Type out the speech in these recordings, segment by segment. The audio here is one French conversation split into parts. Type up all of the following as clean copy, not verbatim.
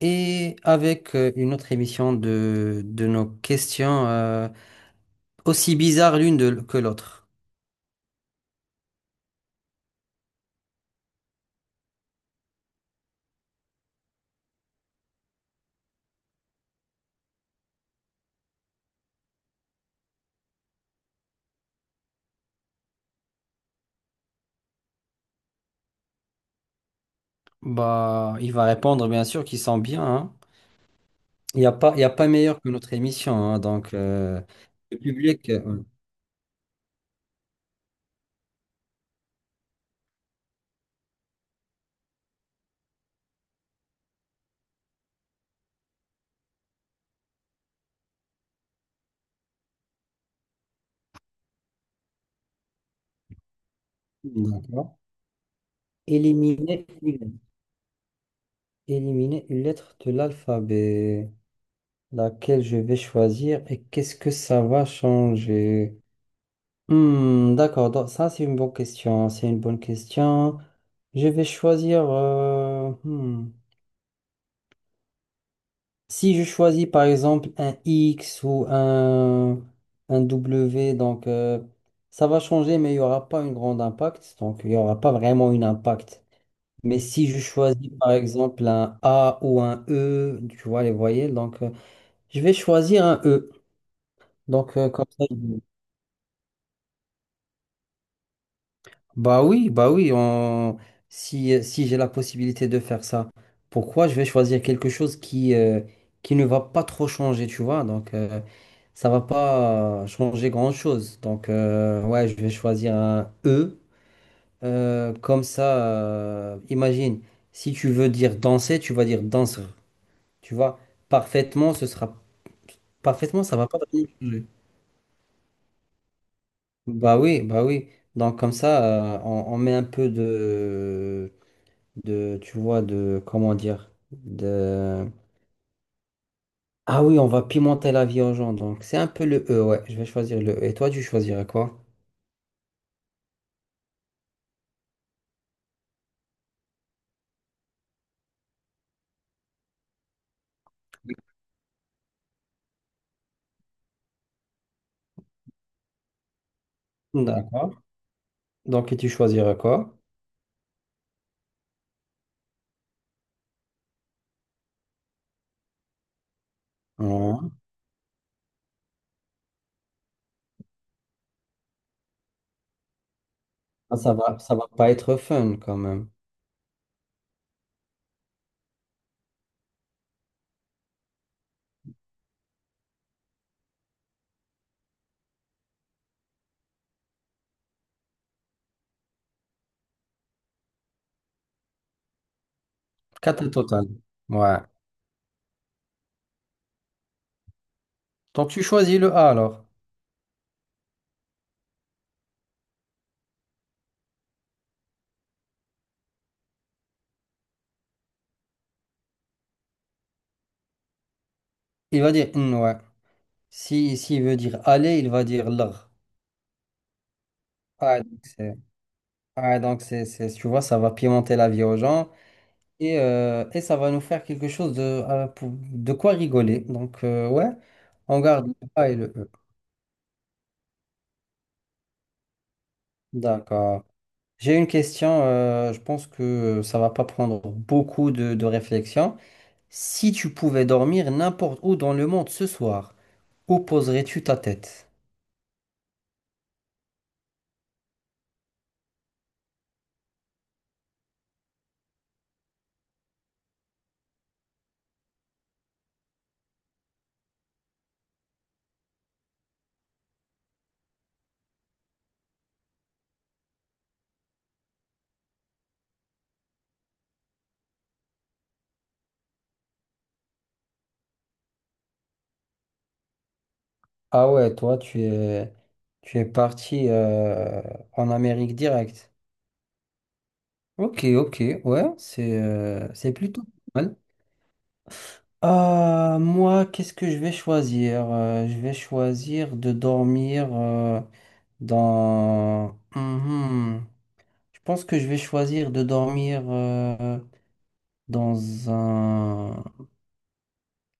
Et avec une autre émission de nos questions, aussi bizarres que l'autre. Bah, il va répondre, bien sûr, qu'il sent bien, hein. Il y a pas meilleur que notre émission, hein, le public. D'accord. Éliminer une, éliminer une lettre de l'alphabet, laquelle je vais choisir et qu'est-ce que ça va changer? Hmm, d'accord, donc ça c'est une bonne question. Je vais choisir, hmm. Si je choisis par exemple un X ou un W, ça va changer, mais il n'y aura pas un grand impact, donc il n'y aura pas vraiment un impact. Mais si je choisis par exemple un A ou un E, tu vois les voyelles, je vais choisir un E, comme ça. Bah oui, on... Si, si j'ai la possibilité de faire ça, pourquoi je vais choisir quelque chose qui qui ne va pas trop changer, tu vois? Ça va pas changer grand-chose. Donc, ouais, je vais choisir un E. Comme ça, imagine, si tu veux dire danser, tu vas dire danseur. Tu vois, parfaitement, ce sera... Parfaitement, ça va pas vraiment changer. Bah oui, bah oui. Donc, comme ça, on met un peu de, tu vois, de, comment dire, de... Ah oui, on va pimenter la vie aux gens, donc c'est un peu le E, ouais, je vais choisir le E. Et toi, tu choisirais quoi? D'accord. Donc, et tu choisirais quoi? Ouais. Ah, ça va pas être fun quand même. Quatre au total. Ouais. Donc, tu choisis le A alors. Il va dire, hmm, ouais. Si, s'il veut dire aller, il va dire l'ar. Ah, donc c'est, ah, tu vois, ça va pimenter la vie aux gens. Et ça va nous faire quelque chose de, de quoi rigoler. Donc, ouais, on garde le A et le E. D'accord. J'ai une question, je pense que ça va pas prendre beaucoup de réflexion. Si tu pouvais dormir n'importe où dans le monde ce soir, où poserais-tu ta tête? Ah ouais, tu es parti en Amérique directe. Ok, ok, ouais, c'est plutôt pas mal. Moi, qu'est-ce que je vais choisir? Je vais choisir de dormir dans... Mhm. Je pense que je vais choisir de dormir dans un...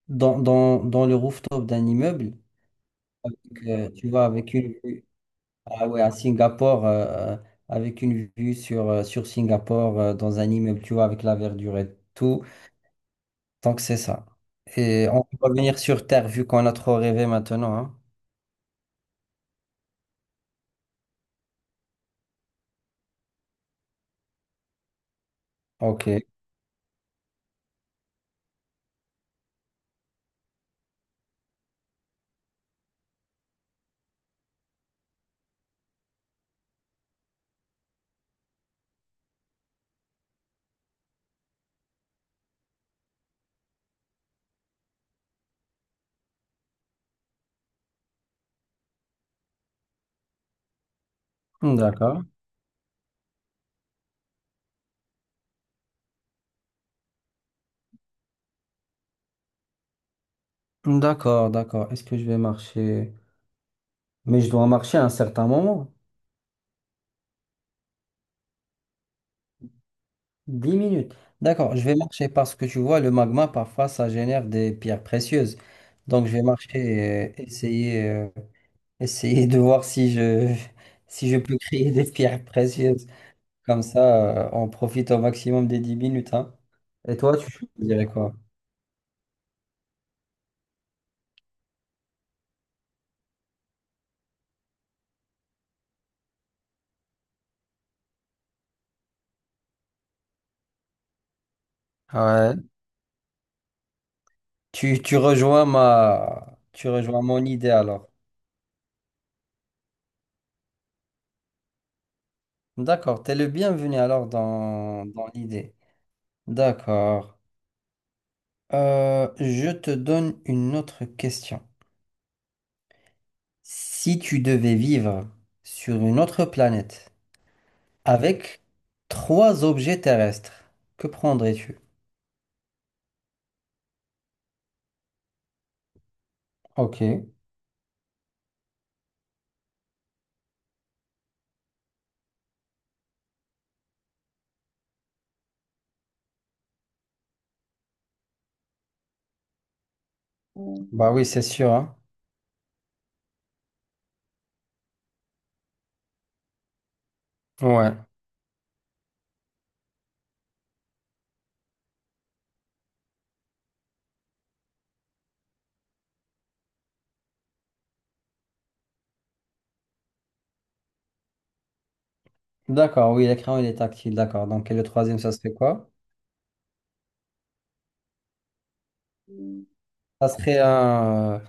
dans le rooftop d'un immeuble. Avec, tu vois, avec une vue... Ah ouais, à Singapour, avec une vue sur, sur Singapour, dans un immeuble, tu vois, avec la verdure et tout. Donc c'est ça. Et on peut revenir sur Terre, vu qu'on a trop rêvé maintenant, hein. Ok, d'accord. D'accord, d'accord. Est-ce que je vais marcher? Mais je dois marcher à un certain moment. 10 minutes. D'accord, je vais marcher parce que tu vois, le magma, parfois, ça génère des pierres précieuses. Donc, je vais marcher et essayer de voir si je, si je peux créer des pierres précieuses. Comme ça, on profite au maximum des 10 minutes, hein. Et toi, tu dirais quoi? Ouais. Tu rejoins mon idée alors. D'accord, t'es le bienvenu alors dans l'idée. D'accord. Je te donne une autre question. Si tu devais vivre sur une autre planète avec trois objets terrestres, que prendrais-tu? Ok. Bah oui, c'est sûr, hein. Ouais. D'accord, oui, l'écran il est tactile, d'accord. Donc et le troisième, ça serait quoi? Ça serait un... euh,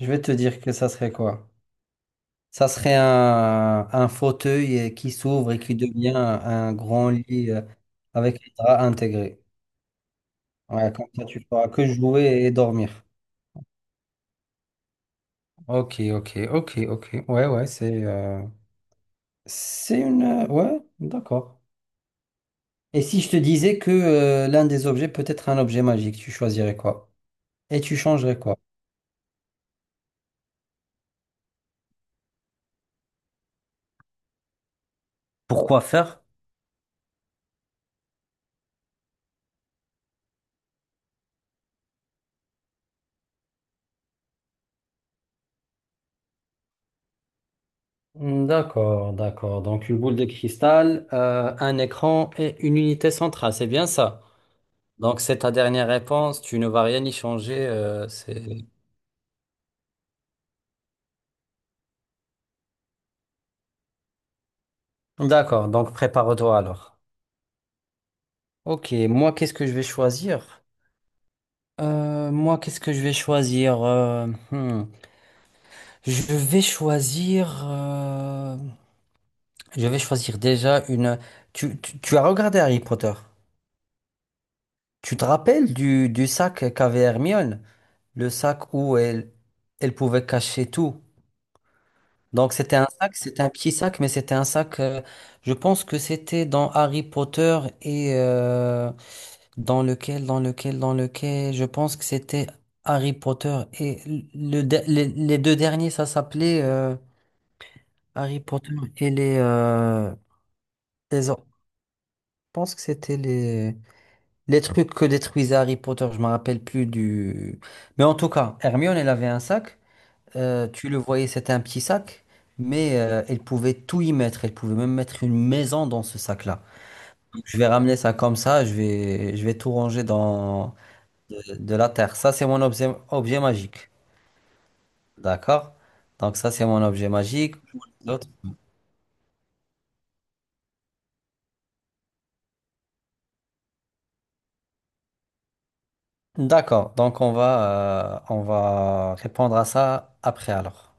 Je vais te dire que ça serait quoi? Ça serait un fauteuil qui s'ouvre et qui devient un grand lit avec les draps intégrés. Ouais, comme ça, tu pourras que jouer et dormir. Ok, ok, ok, ok. Ouais, ouais, c'est ouais, d'accord. Et si je te disais que l'un des objets peut être un objet magique, tu choisirais quoi? Et tu changerais quoi? Pourquoi faire? Hmm, d'accord, d'accord. Donc une boule de cristal, un écran et une unité centrale, c'est bien ça? Donc, c'est ta dernière réponse, tu ne vas rien y changer, c'est... D'accord, donc prépare-toi alors. Ok, moi, qu'est-ce que je vais choisir? Moi, qu'est-ce que je vais choisir? Hmm, Je vais choisir. Je vais choisir déjà une. Tu as regardé Harry Potter. Tu te rappelles du sac qu'avait Hermione? Le sac où elle, elle pouvait cacher tout. Donc c'était un sac, c'était un petit sac, mais c'était un sac, je pense que c'était dans Harry Potter et dans lequel, je pense que c'était Harry Potter et les deux derniers, ça s'appelait Harry Potter et les, les or- je pense que c'était les trucs que détruisait Harry Potter, je me rappelle plus du... Mais en tout cas, Hermione, elle avait un sac. Tu le voyais, c'était un petit sac, mais elle pouvait tout y mettre. Elle pouvait même mettre une maison dans ce sac-là. Je vais ramener ça comme ça, je vais tout ranger dans de la terre. Ça, c'est mon objet magique. D'accord? Donc ça, c'est mon objet magique. D'autres d'accord. Donc on va répondre à ça après alors.